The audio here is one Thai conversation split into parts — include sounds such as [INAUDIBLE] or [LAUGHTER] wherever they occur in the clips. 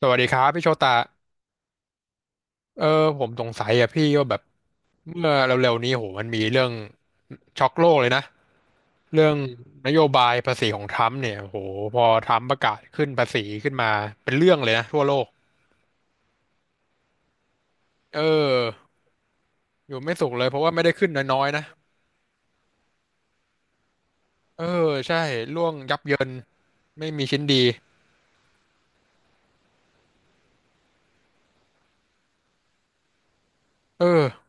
สวัสดีครับพี่โชตาเออผมสงสัยอะพี่ว่าแบบเมื่อเร็วๆนี้โหมันมีเรื่องช็อกโลกเลยนะเรื่องนโยบายภาษีของทรัมป์เนี่ยโหพอทรัมป์ประกาศขึ้นภาษีขึ้นมาเป็นเรื่องเลยนะทั่วโลกเอออยู่ไม่สุขเลยเพราะว่าไม่ได้ขึ้นน้อยๆนะเออใช่ร่วงยับเยินไม่มีชิ้นดีเออ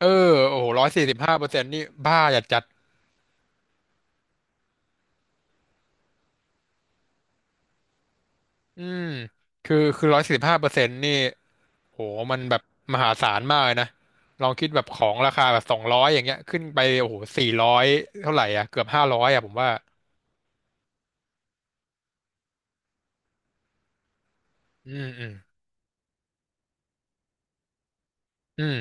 เออโอ้โหร้อยสี่สิบห้าเปอร์เซ็นต์นี่บ้าจัดจัดอืมคือร้อยสี่สิบห้าเปอร์เซ็นต์นี่ โหมันแบบมหาศาลมากเลยนะ ลองคิดแบบของราคาแบบ200อย่างเงี้ยขึ้นไปโอ้โห400เท่าไหร่อ่ะเกือบ500อ่ะผมว่า อืม อืม อืม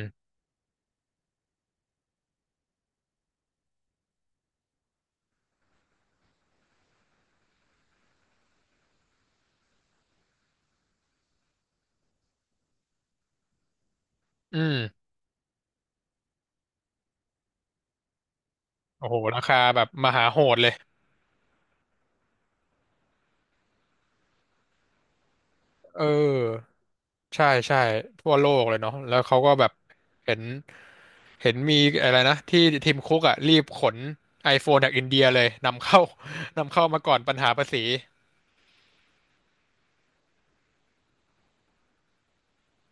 อืมโอ้โหราคาแบบมหาโหดเลยเออใช่ใช่ทั่วโลกเลยเนาะแล้วเขาก็แบบเห็นเห็นมีอะไรนะที่ทีมคุกอ่ะรีบขน iPhone จากอินเดียเลยนำเข้า [LAUGHS] นำเข้ามาก่อนปัญหาภาษี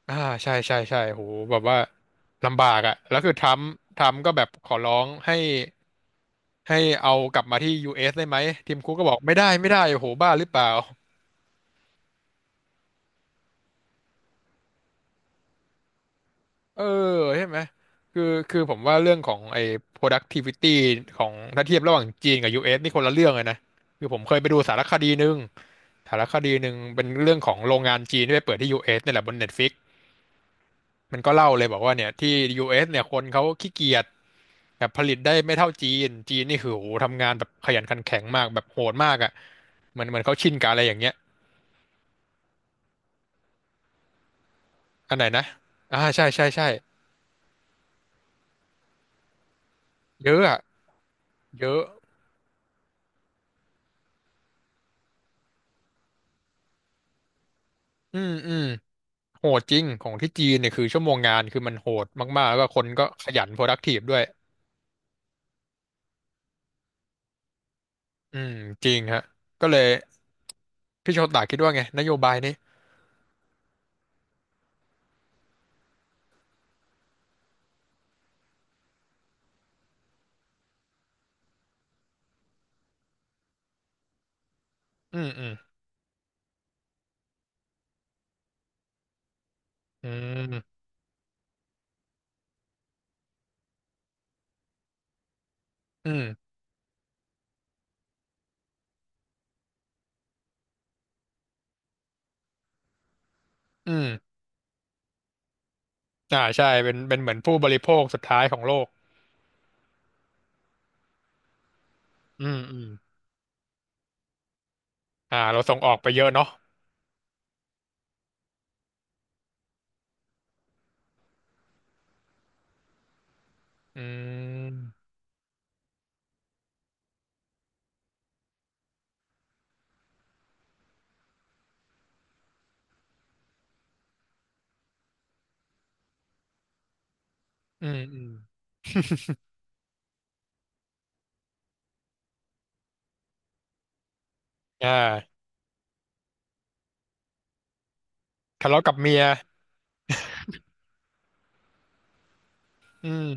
อ่าใช่ใช่ใช่โหแบบว่าลำบากอ่ะแล้วคือทรัมป์ก็แบบขอร้องให้เอากลับมาที่ US ได้ไหมทีมคุกก็บอกไม่ได้ไม่ได้โอ้โหบ้าหรือเปล่าเออใช่ไหมคือคือผมว่าเรื่องของไอ้ productivity ของถ้าเทียบระหว่างจีนกับ US นี่คนละเรื่องเลยนะคือผมเคยไปดูสารคดีหนึ่งสารคดีหนึ่งเป็นเรื่องของโรงงานจีนที่ไปเปิดที่ US นี่แหละบน Netflix มันก็เล่าเลยบอกว่าเนี่ยที่ US เอสเนี่ยคนเขาขี้เกียจแบบผลิตได้ไม่เท่าจีนจีนนี่คือโหทำงานแบบขยันขันแข็งมากแบบโหดมากอ่ะเหมือนเขาชินกับอะไรอย่างเงี้ยอันไหนนะอ่าใช่ใช่ใช่เยอะอ่ะเยอะอืมอืมโหดจริงของที่จีนเนี่ยคือชั่วโมงงานคือมันโหดมากๆแล้วก็คนก็ขยัน productive ด้วยอืมจริงฮะก็เลยพี่โชตาคิดว่าไงนโยบายนี้อืมอืมอืมอืมอืมอ่าใช่เป็นเหมือนผู้บริโภคสุดท้ายของโลกอืมอืม อ่าเราส่งออกไปเยอะเนาะอืมอืมอืมอ่าทะเลาะกับเมียอืม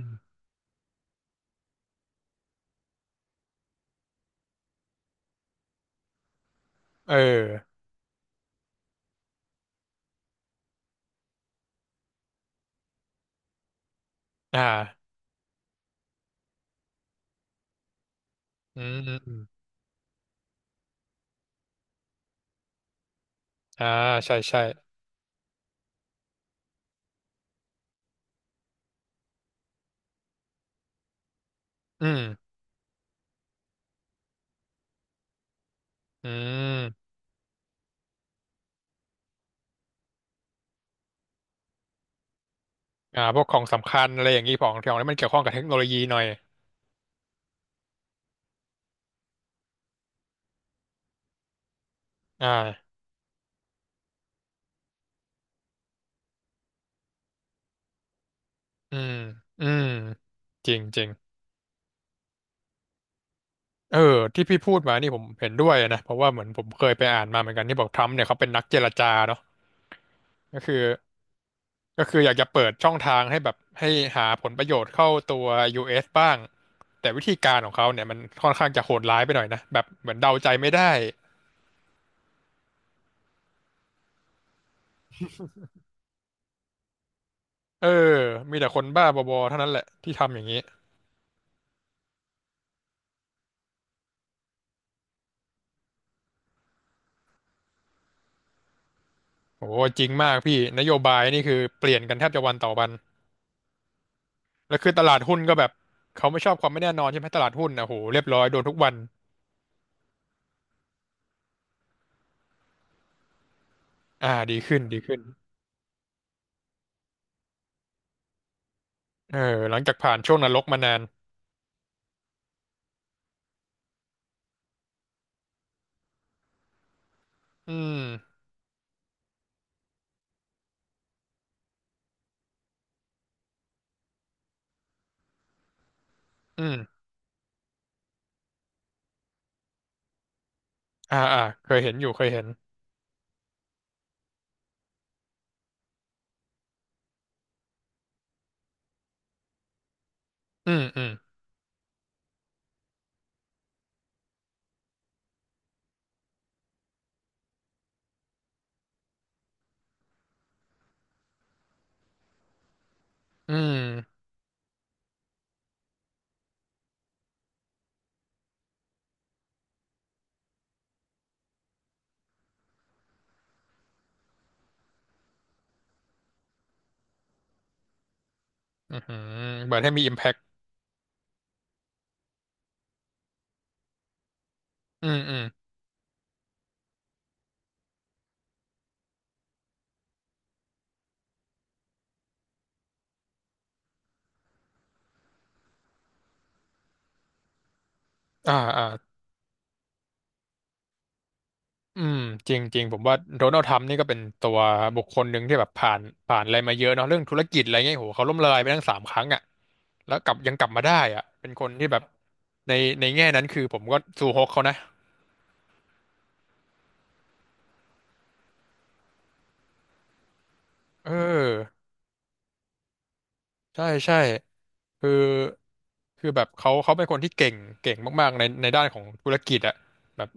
เอออ่าอืมอืมอืมอ่าใช่ใช่อืมอืมอ่าพวกของสำคัญอะไรอย่างนี้ของของที่มันเกี่ยวข้องกับเทคโนโลยีหน่อยอ่าอืมอืมจริงจริงเออที่พี่พูดมานี่ผมเห็นด้วยนะเพราะว่าเหมือนผมเคยไปอ่านมาเหมือนกันที่บอกทรัมป์เนี่ยเขาเป็นนักเจรจาเนาะก็คือ ก็คืออยากจะเปิดช่องทางให้แบบให้หาผลประโยชน์เข้าตัว US บ้างแต่วิธีการของเขาเนี่ยมันค่อนข้างจะโหดร้ายไปหน่อยนะแบบเหมือนเดาใจไม่ได้เออมีแต่คนบ้าบอๆเท่านั้นแหละที่ทำอย่างนี้โอ้โหจริงมากพี่นโยบายนี่คือเปลี่ยนกันแทบจะวันต่อวันแล้วคือตลาดหุ้นก็แบบเขาไม่ชอบความไม่แน่นอนใช่ไหมตลาดหุ้นนะโหเรียบร้อยโดนทุกวันอ่าดีขึ้นดีขึ้นเออหลังจากผ่านช่วงนรกมานานอืมอืมอ่าอ่าเคยเห็นอยู่เคยเห็นอืมอืมอืม อือหือเหมือนให้มี impact อืมอืมอ่าอ่าอืมจริงจริงผมว่าโดนัลด์ทรัมป์นี่ก็เป็นตัวบุคคลหนึ่งที่แบบผ่านอะไรมาเยอะเนาะเรื่องธุรกิจอะไรเงี้ยโหเขาล้มละลายไปทั้ง3 ครั้งอ่ะแล้วกลับยังกลับมาได้อ่ะเป็นคนที่แบบในในแง่นั้นคือผมก็ซูฮกเขานะเออใช่ใช่คือคือแบบเขาเป็นคนที่เก่งเก่งมากๆในด้านของธุรกิจอ่ะแบบ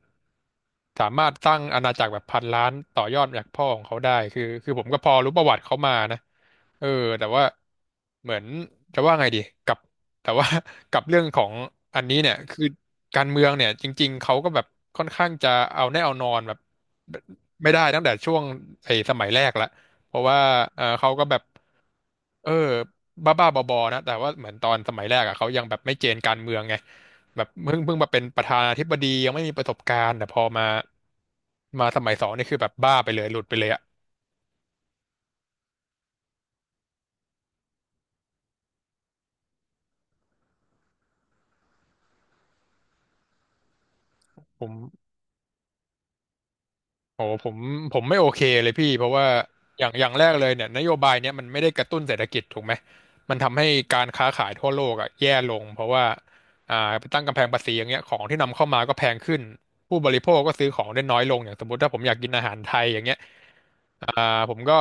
สามารถสร้างอาณาจักรแบบพันล้านต่อยอดจากพ่อของเขาได้คือผมก็พอรู้ประวัติเขามานะ เออแต่ว่าเหมือนจะว่าไงดีกับแต่ว่า [LAUGHS] กับเรื่องของอันนี้เนี่ยคือการเมืองเนี่ยจริงๆเขาก็แบบค่อนข้างจะเอาแน่เอานอนแบบไม่ได้ตั้งแต่ช่วงไอ้สมัยแรกละเพราะว่าเขาก็แบบเออบ้าๆบอๆนะแต่ว่าเหมือนตอนสมัยแรกอะเขายังแบบไม่เจนการเมืองไงแบบเพิ่งมาเป็นประธานาธิบดียังไม่มีประสบการณ์แต่พอมาสมัยสองนี่คือแบบบ้าไปเลยหลุดไปเลยอะผม โอ้ผมไม่โอเคเลยพี่เพราะว่าอย่างแรกเลยเนี่ยนโยบายเนี้ยมันไม่ได้กระตุ้นเศรษฐกิจถูกไหมมันทำให้การค้าขายทั่วโลกอ่ะแย่ลงเพราะว่าไปตั้งกำแพงภาษีอย่างเงี้ยของที่นำเข้ามาก็แพงขึ้นผู้บริโภคก็ซื้อของได้น้อยลงอย่างสมมติถ้าผมอยากกินอาหารไทยอย่างเงี้ยอ่าผมก็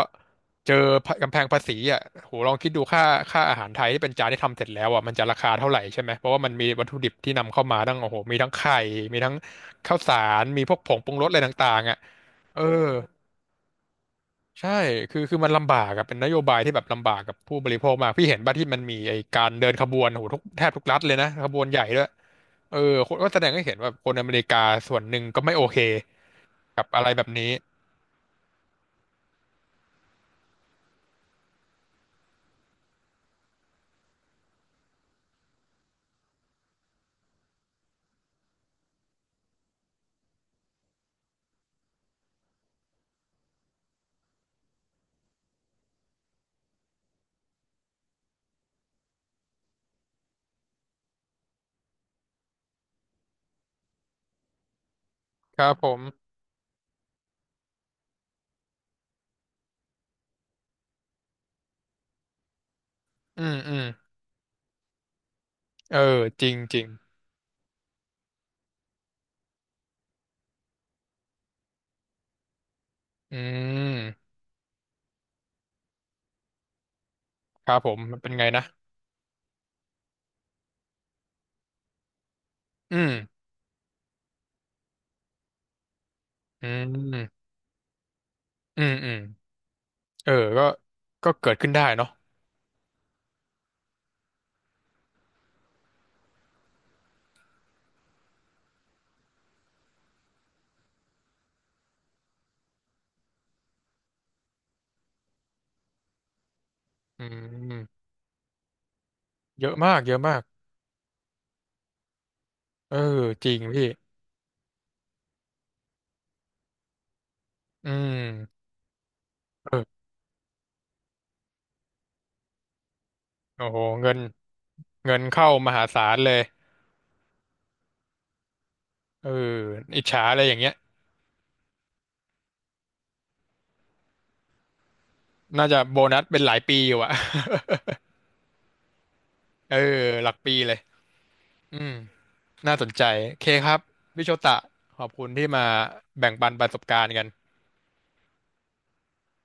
เจอกำแพงภาษีอ่ะโหลองคิดดูค่าอาหารไทยที่เป็นจานที่ทำเสร็จแล้วอ่ะมันจะราคาเท่าไหร่ใช่ไหมเพราะว่ามันมีวัตถุดิบที่นำเข้ามาตั้งโอ้โหมีทั้งไข่มีทั้งข้าวสารมีพวกผงปรุงรสอะไรต่างๆอ่ะ เออใช่คือมันลำบากอะเป็นนโยบายที่แบบลำบากกับผู้บริโภคมากพี่เห็นป่ะที่มันมีไอ้การเดินขบวนโหแทบทุกรัฐเลยนะขบวนใหญ่ด้วยเออคนก็แสดงให้เห็นว่าคนอเมริกาส่วนหนึ่งก็ไม่โอเคกับอะไรแบบนี้ครับผมอืมอืมเออจริงจริงอืมครับผมมันเป็นไงนะอืมอืมอืมอืมเออก็ก็เกิดขึ้นได้เนาะอืมเยอะมากเยอะมากเออจริงพี่อืมเออโอ้โหเงินเข้ามหาศาลเลยเอออิจฉาอะไรอย่างเงี้ยน่าจะโบนัสเป็นหลายปีอยู่อะ [LAUGHS] เออหลักปีเลยอืมน่าสนใจโอเคครับพี่โชตะ ขอบคุณที่มาแบ่งปันประสบการณ์กัน